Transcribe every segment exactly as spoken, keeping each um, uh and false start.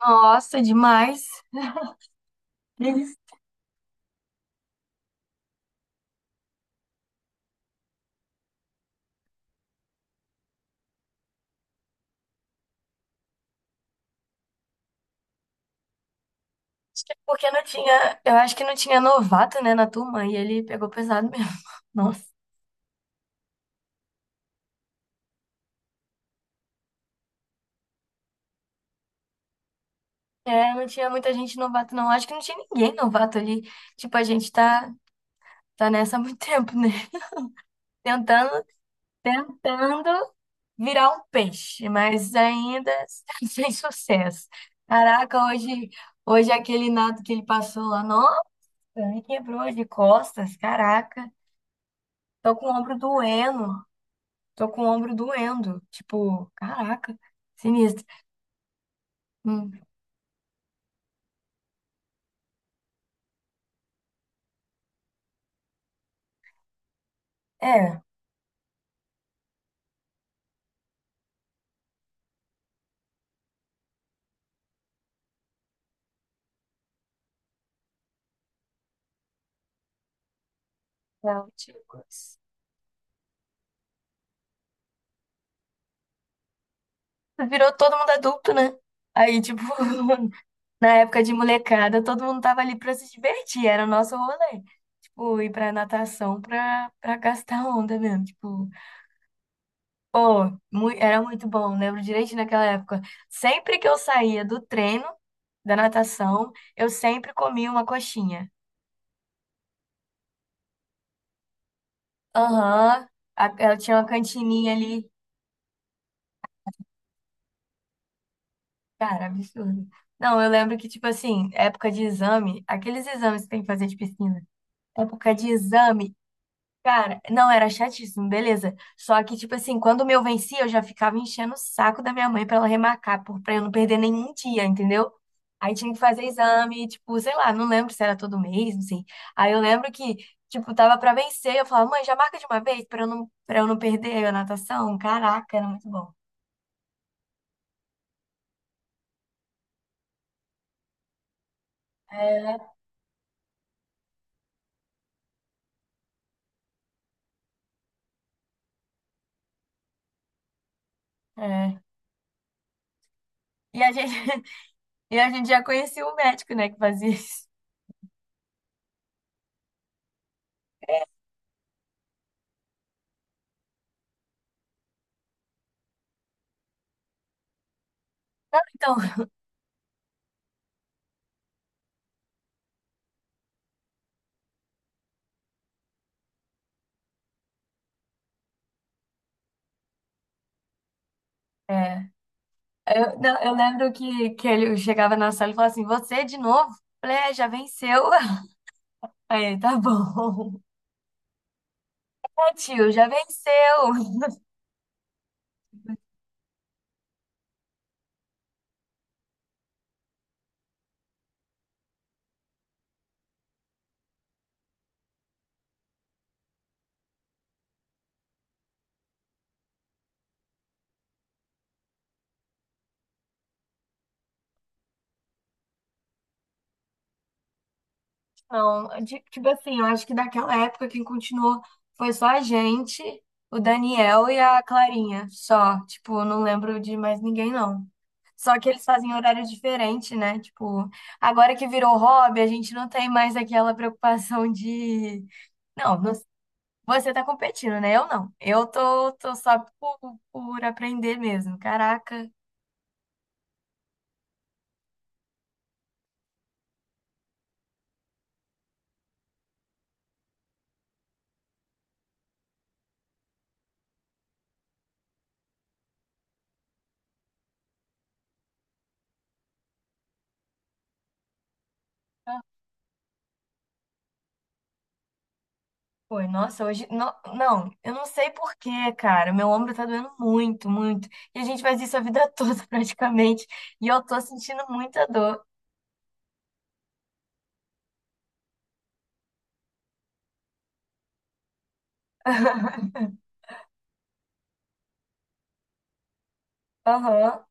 Nossa, demais. Eles- Acho que é porque não tinha, eu acho que não tinha novato, né, na turma, e ele pegou pesado mesmo. Nossa. É, não tinha muita gente novato, não. Acho que não tinha ninguém novato ali. Tipo, a gente tá, tá nessa há muito tempo, né? Tentando, tentando virar um peixe, mas ainda sem sucesso. Caraca, hoje, hoje aquele nado que ele passou lá, nossa, me quebrou de costas, caraca. Tô com o ombro doendo. Tô com o ombro doendo. Tipo, caraca, sinistro. Hum. É. Não, tipo, virou todo mundo adulto, né? Aí, tipo, na época de molecada, todo mundo tava ali pra se divertir, era o nosso rolê. Tipo, ir pra natação pra, pra gastar onda mesmo. Tipo, pô, mu- era muito bom, lembro direito naquela época. Sempre que eu saía do treino, da natação, eu sempre comia uma coxinha. Aham, a- ela tinha uma cantininha ali. Cara, absurdo. Não, eu lembro que, tipo assim, época de exame, aqueles exames que tem que fazer de piscina, época de exame, cara, não, era chatíssimo, beleza. Só que, tipo assim, quando o meu vencia, eu já ficava enchendo o saco da minha mãe pra ela remarcar, por, pra eu não perder nenhum dia, entendeu? Aí tinha que fazer exame, tipo, sei lá, não lembro se era todo mês, não sei. Aí eu lembro que, tipo, tava pra vencer, eu falava, mãe, já marca de uma vez pra eu não, pra eu não perder a natação. Caraca, era muito bom. É. É. E a gente. E a gente já conhecia o médico, né, que fazia isso. Então, é, eu, não, eu lembro que, que ele chegava na sala e falava assim, você de novo? Eu falei, é, já venceu. Aí, ele, tá bom. É, tio, já venceu. Não, ti- tipo assim, eu acho que daquela época quem continuou foi só a gente, o Daniel e a Clarinha, só. Tipo, eu não lembro de mais ninguém, não. Só que eles fazem horário diferente, né? Tipo, agora que virou hobby, a gente não tem mais aquela preocupação de... Não, não. Você tá competindo, né? Eu não. Eu tô, tô só por, por aprender mesmo. Caraca. Ah, foi, nossa, hoje. Não, não, eu não sei por quê, cara. Meu ombro tá doendo muito, muito. E a gente faz isso a vida toda, praticamente. E eu tô sentindo muita dor. Aham.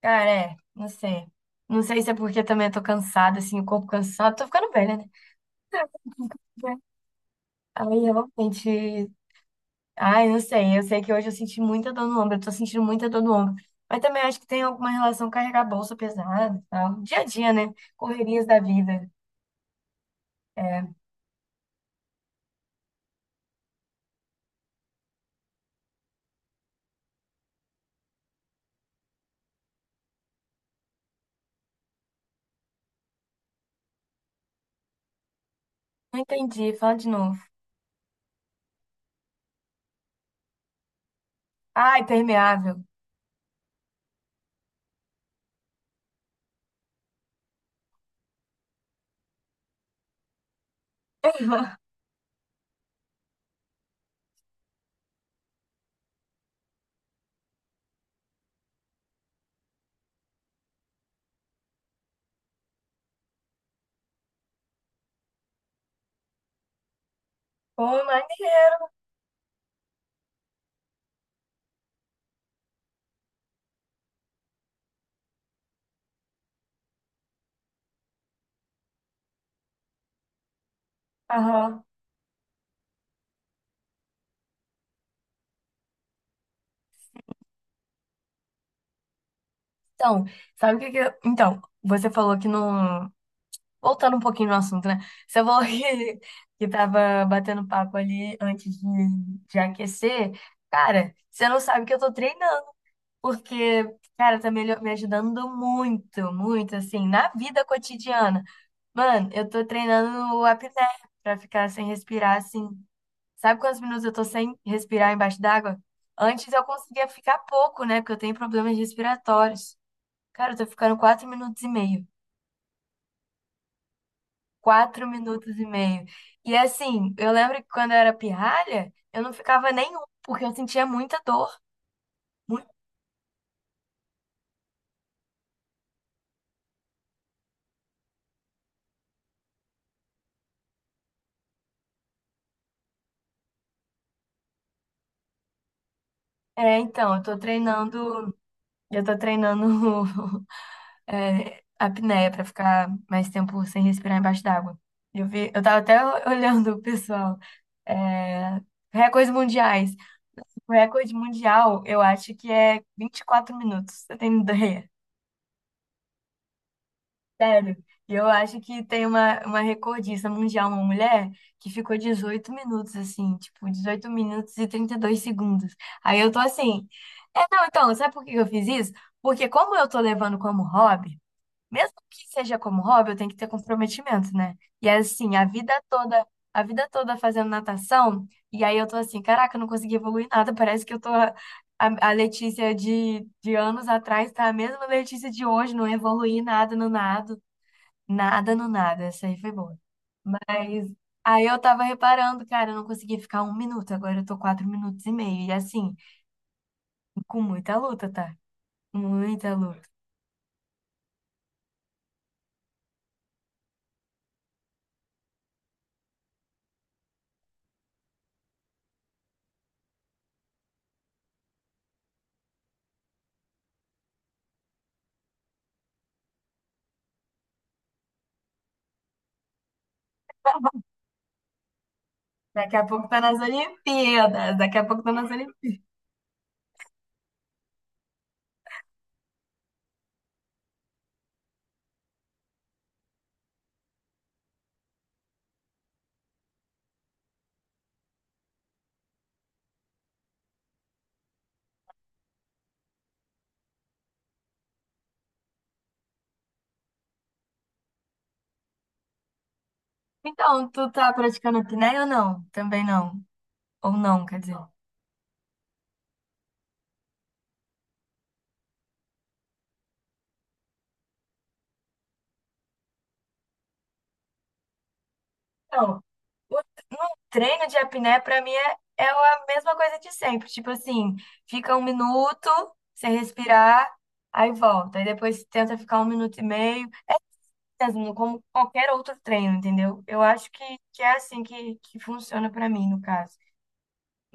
Cara, é. Não sei. Não sei se é porque também eu tô cansada, assim, o corpo cansado. Tô ficando velha, né? Aí, realmente, ai, não sei. Eu sei que hoje eu senti muita dor no ombro. Eu tô sentindo muita dor no ombro. Mas também acho que tem alguma relação com carregar bolsa pesada e tal. Dia a dia, né? Correrias da vida. É. Não entendi. Fala de novo. Ah, impermeável. Pô, maneiro. Aham. Então, sabe o que que eu... Então, você falou que não... Voltando um pouquinho no assunto, né? Você falou que, que tava batendo papo ali antes de, de aquecer. Cara, você não sabe que eu tô treinando. Porque, cara, tá me, me ajudando muito, muito, assim, na vida cotidiana. Mano, eu tô treinando o apné pra ficar sem respirar, assim. Sabe quantos minutos eu tô sem respirar embaixo d'água? Antes eu conseguia ficar pouco, né? Porque eu tenho problemas respiratórios. Cara, eu tô ficando quatro minutos e meio. Quatro minutos e meio. E assim, eu lembro que quando eu era pirralha, eu não ficava nenhum, porque eu sentia muita dor. Muito... É, então, eu tô treinando, eu tô treinando é, apneia pra ficar mais tempo sem respirar embaixo d'água. Eu vi, eu tava até olhando o pessoal. É, recordes mundiais. O recorde mundial, eu acho que é vinte e quatro minutos. Você tem ideia? Sério. E eu acho que tem uma, uma recordista mundial, uma mulher, que ficou dezoito minutos, assim, tipo, dezoito minutos e trinta e dois segundos. Aí eu tô assim. É, não, então, sabe por que eu fiz isso? Porque como eu tô levando como hobby, mesmo que seja como hobby, eu tenho que ter comprometimento, né? E é assim, a vida toda, a vida toda fazendo natação, e aí eu tô assim, caraca, eu não consegui evoluir nada, parece que eu tô a, a Letícia de, de anos atrás, tá a mesma Letícia de hoje, não evoluí nada no nado, nada no nada, essa aí foi boa. Mas aí eu tava reparando, cara, eu não consegui ficar um minuto, agora eu tô quatro minutos e meio, e assim, com muita luta, tá? Muita luta. Daqui a pouco tá nas Olimpíadas, daqui a pouco tá nas Olimpíadas. Então, tu tá praticando apneia ou não? Também não. Ou não, quer dizer. Não, o no treino de apneia pra mim é, é a mesma coisa de sempre. Tipo assim, fica um minuto sem respirar, aí volta. Aí depois tenta ficar um minuto e meio, mesmo como qualquer outro treino, entendeu? Eu acho que, que é assim que, que funciona pra mim, no caso.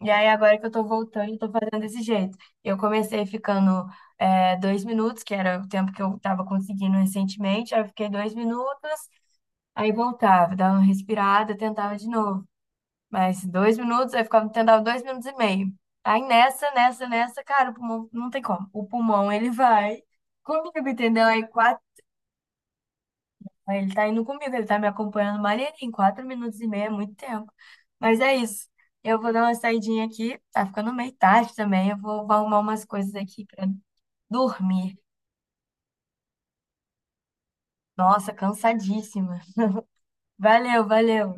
E aí, agora que eu tô voltando, eu tô fazendo desse jeito. Eu comecei ficando é, dois minutos, que era o tempo que eu tava conseguindo recentemente. Aí eu fiquei dois minutos, aí voltava, dava uma respirada, tentava de novo. Mas dois minutos, aí ficava tentava dois minutos e meio. Aí nessa, nessa, nessa, cara, o pulmão não tem como. O pulmão, ele vai comigo, entendeu? Aí quatro, aí ele tá indo comigo, ele tá me acompanhando maneirinho. Quatro minutos e meio é muito tempo. Mas é isso. Eu vou dar uma saidinha aqui. Tá ficando meio tarde também. Eu vou arrumar umas coisas aqui pra dormir. Nossa, cansadíssima. Valeu, valeu.